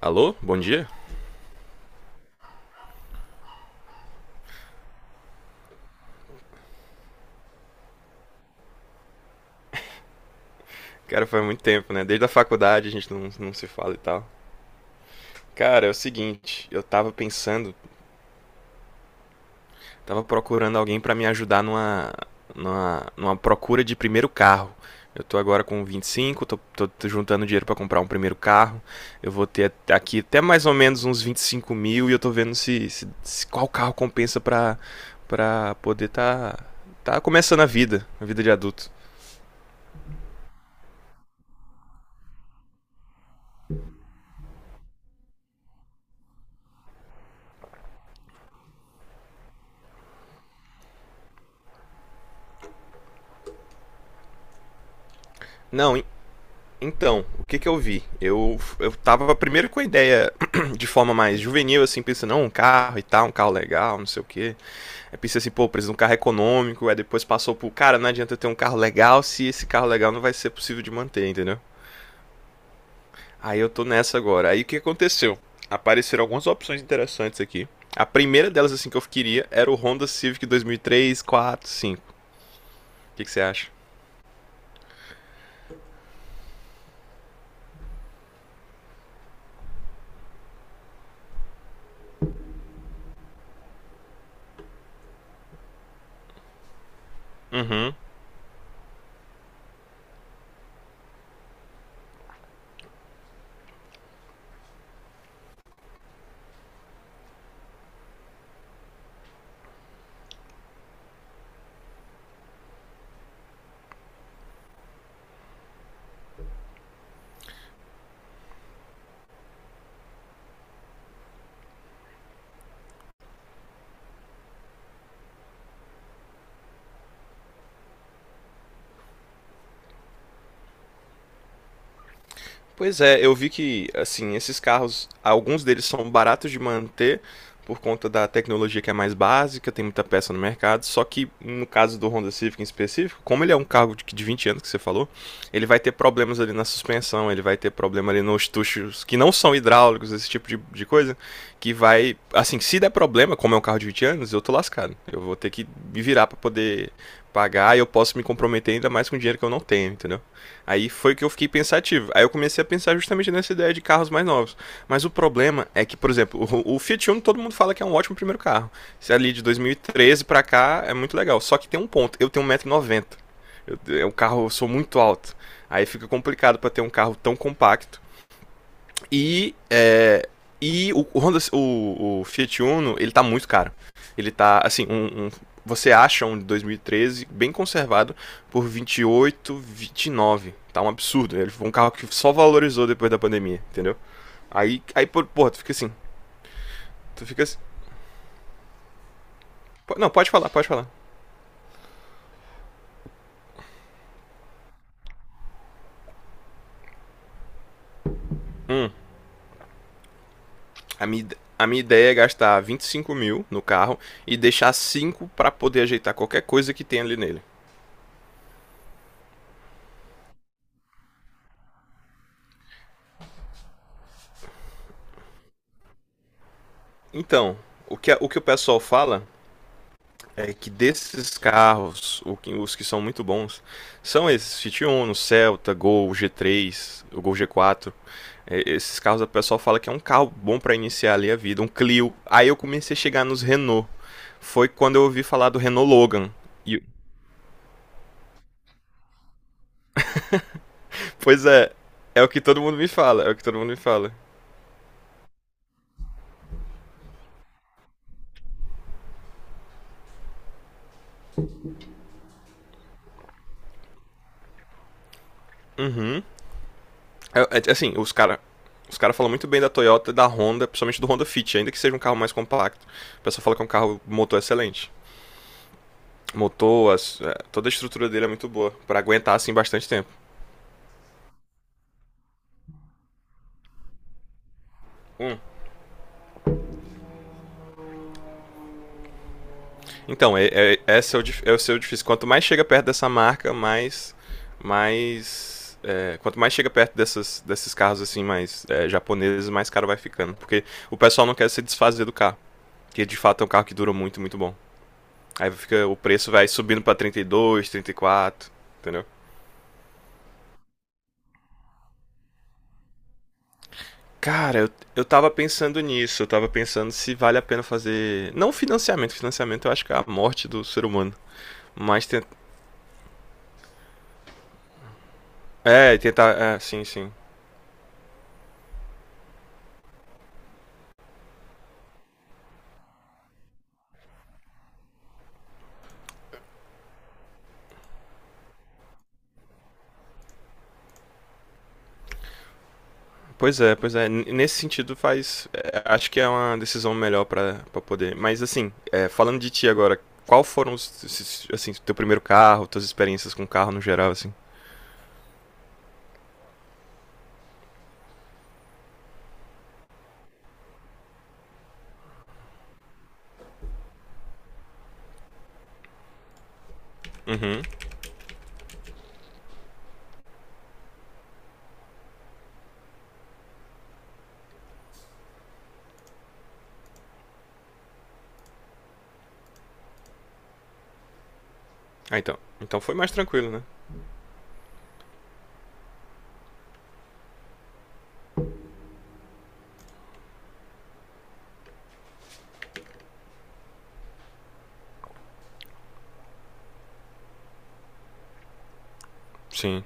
Alô, bom dia? Cara, faz muito tempo, né? Desde a faculdade a gente não se fala e tal. Cara, é o seguinte, eu tava pensando, tava procurando alguém pra me ajudar numa procura de primeiro carro. Eu tô agora com 25, tô juntando dinheiro pra comprar um primeiro carro. Eu vou ter aqui até mais ou menos uns 25 mil e eu tô vendo se qual carro compensa pra, pra poder tá começando a vida de adulto. Não, então, o que que eu vi? Eu tava primeiro com a ideia de forma mais juvenil, assim, pensando, não, um carro e tal, um carro legal, não sei o quê. Aí pensei assim, pô, preciso de um carro econômico. Aí depois passou por, cara, não adianta eu ter um carro legal se esse carro legal não vai ser possível de manter, entendeu? Aí eu tô nessa agora. Aí o que aconteceu? Apareceram algumas opções interessantes aqui. A primeira delas, assim, que eu queria era o Honda Civic 2003, 4, 5. O que que você acha? Uhum. Pois é, eu vi que, assim, esses carros, alguns deles são baratos de manter por conta da tecnologia que é mais básica, tem muita peça no mercado, só que no caso do Honda Civic em específico, como ele é um carro de 20 anos que você falou, ele vai ter problemas ali na suspensão, ele vai ter problema ali nos tuchos que não são hidráulicos, esse tipo de coisa, que vai, assim, se der problema, como é um carro de 20 anos, eu tô lascado. Eu vou ter que me virar para poder pagar e eu posso me comprometer ainda mais com dinheiro que eu não tenho, entendeu? Aí foi que eu fiquei pensativo. Aí eu comecei a pensar justamente nessa ideia de carros mais novos. Mas o problema é que, por exemplo, o Fiat Uno todo mundo fala que é um ótimo primeiro carro. Se é ali de 2013 pra cá é muito legal. Só que tem um ponto. Eu tenho 1,90 m. O carro, eu sou muito alto. Aí fica complicado para ter um carro tão compacto e, e o Fiat Uno, ele tá muito caro. Ele tá, assim, você acha um de 2013 bem conservado por 28, 29. Tá um absurdo, né? Ele foi um carro que só valorizou depois da pandemia, entendeu? Aí porra, tu fica assim. Tu fica assim. Não, pode falar, pode falar. Hum, a minha ideia é gastar 25 mil no carro e deixar 5 para poder ajeitar qualquer coisa que tem ali nele. Então, o que o pessoal fala é que desses carros, os que são muito bons, são esses Fiat Uno, Celta, Gol, G3, o Gol G4. É, esses carros a pessoa fala que é um carro bom para iniciar ali a vida, um Clio. Aí eu comecei a chegar nos Renault. Foi quando eu ouvi falar do Renault Logan. E- pois é, é o que todo mundo me fala, é o que todo mundo me fala. Uhum. Assim, os cara falam muito bem da Toyota e da Honda, principalmente do Honda Fit, ainda que seja um carro mais compacto. O pessoal fala que é um carro motor excelente. Toda a estrutura dele é muito boa pra aguentar assim bastante tempo. Hum. Então, esse é é o seu difícil. Quanto mais chega perto dessa marca, quanto mais chega perto desses carros assim mais japoneses, mais caro vai ficando, porque o pessoal não quer se desfazer do carro, que de fato é um carro que dura muito, muito bom. Aí fica o preço vai subindo pra 32, 34, entendeu? Cara, eu, eu tava pensando nisso, eu tava pensando se vale a pena fazer. Não financiamento, financiamento eu acho que é a morte do ser humano. Mas tenta... É, tentar. É, sim, sim. Pois é, pois é. N- Nesse sentido faz. É, acho que é uma decisão melhor pra pra poder. Mas assim, é, falando de ti agora, qual foram assim, teu primeiro carro, tuas experiências com carro no geral, assim? Uhum. Ah, então. Então foi mais tranquilo, né? Sim.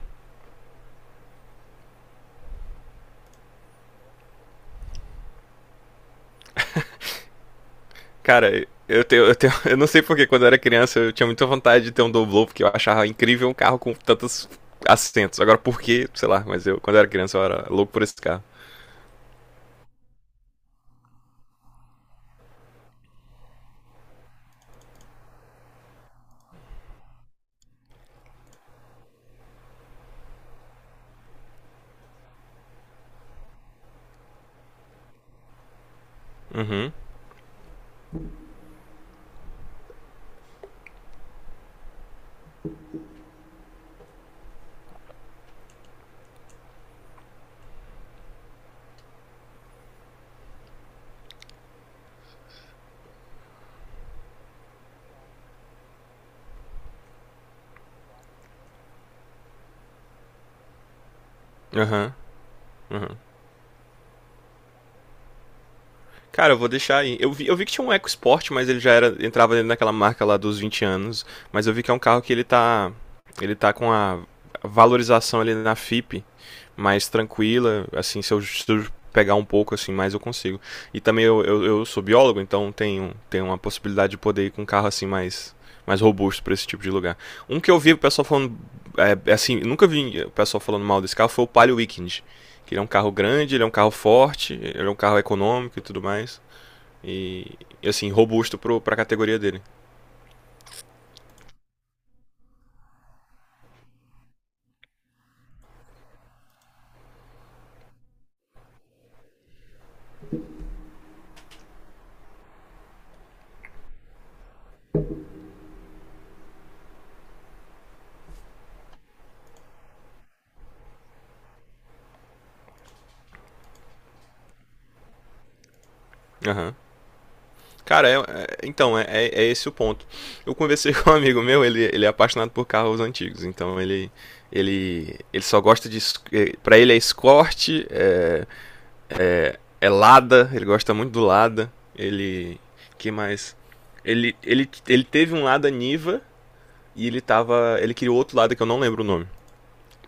Cara, eu não sei porque quando eu era criança eu tinha muita vontade de ter um Doblô, porque eu achava incrível um carro com tantos assentos. Agora por quê, sei lá, mas eu quando eu era criança eu era louco por esse carro. Uhum. Aham. Uhum. Cara, eu vou deixar aí. Eu vi que tinha um EcoSport, mas ele já era entrava dentro daquela marca lá dos 20 anos. Mas eu vi que é um carro que ele tá com a valorização ali na FIP mais tranquila, assim, se eu pegar um pouco assim, mais eu consigo. E também eu sou biólogo, então tenho, tenho uma possibilidade de poder ir com um carro assim mais robusto para esse tipo de lugar. Um que eu vi o pessoal falando é assim, nunca vi o pessoal falando mal desse carro foi o Palio Weekend. Que ele é um carro grande, ele é um carro forte, ele é um carro econômico e tudo mais. E, assim, robusto pro, pra categoria dele. Aham. Cara, então, é esse o ponto. Eu conversei com um amigo meu, ele é apaixonado por carros antigos, então ele só gosta de. Pra ele é Escort, é Lada, ele gosta muito do Lada. Ele. Que mais? Ele teve um Lada Niva e ele tava. Ele queria outro Lada que eu não lembro o nome.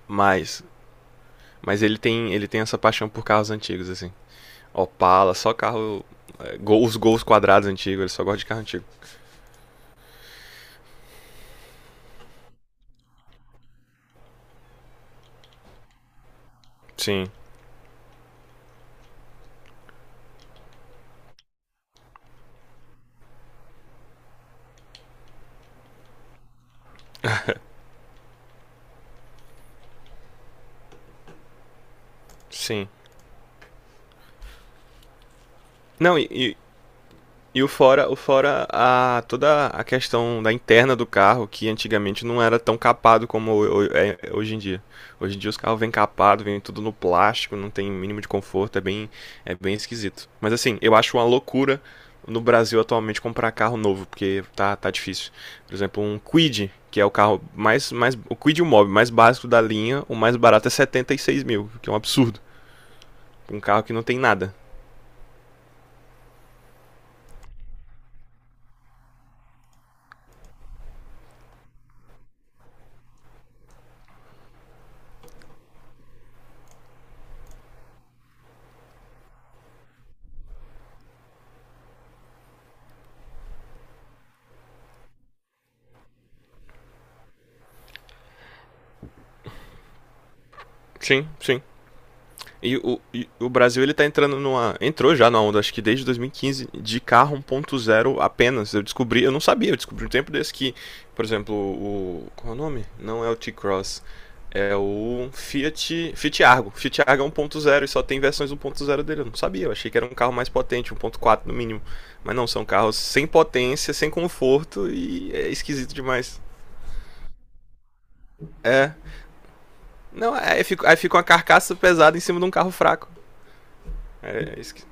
Mas. Mas ele tem essa paixão por carros antigos, assim. Opala, só carro. É, os gols quadrados antigos, ele só gosta de carro antigo. Sim, sim. Não, e o fora a, toda a questão da interna do carro, que antigamente não era tão capado como hoje em dia. Hoje em dia os carros vêm capado, vêm tudo no plástico, não tem mínimo de conforto, é bem esquisito. Mas assim, eu acho uma loucura no Brasil atualmente comprar carro novo, porque tá, tá difícil. Por exemplo, um Kwid, que é o carro o Kwid e o Mob mais básico da linha, o mais barato é 76 mil, que é um absurdo. Um carro que não tem nada. Sim, sim. E o Brasil ele tá entrando numa. Entrou já na onda, acho que desde 2015, de carro 1.0 apenas. Eu descobri, eu não sabia, eu descobri um tempo desse que, por exemplo, o. Qual é o nome? Não é o T-Cross. É Fiat Argo. Fiat Argo é 1.0 e só tem versões 1.0 dele. Eu não sabia, eu achei que era um carro mais potente, 1.4 no mínimo. Mas não, são carros sem potência, sem conforto e é esquisito demais. É. Não, aí fica uma carcaça pesada em cima de um carro fraco. É, é esqui-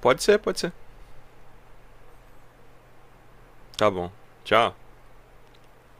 Pode ser, pode ser. Tá bom. Tchau.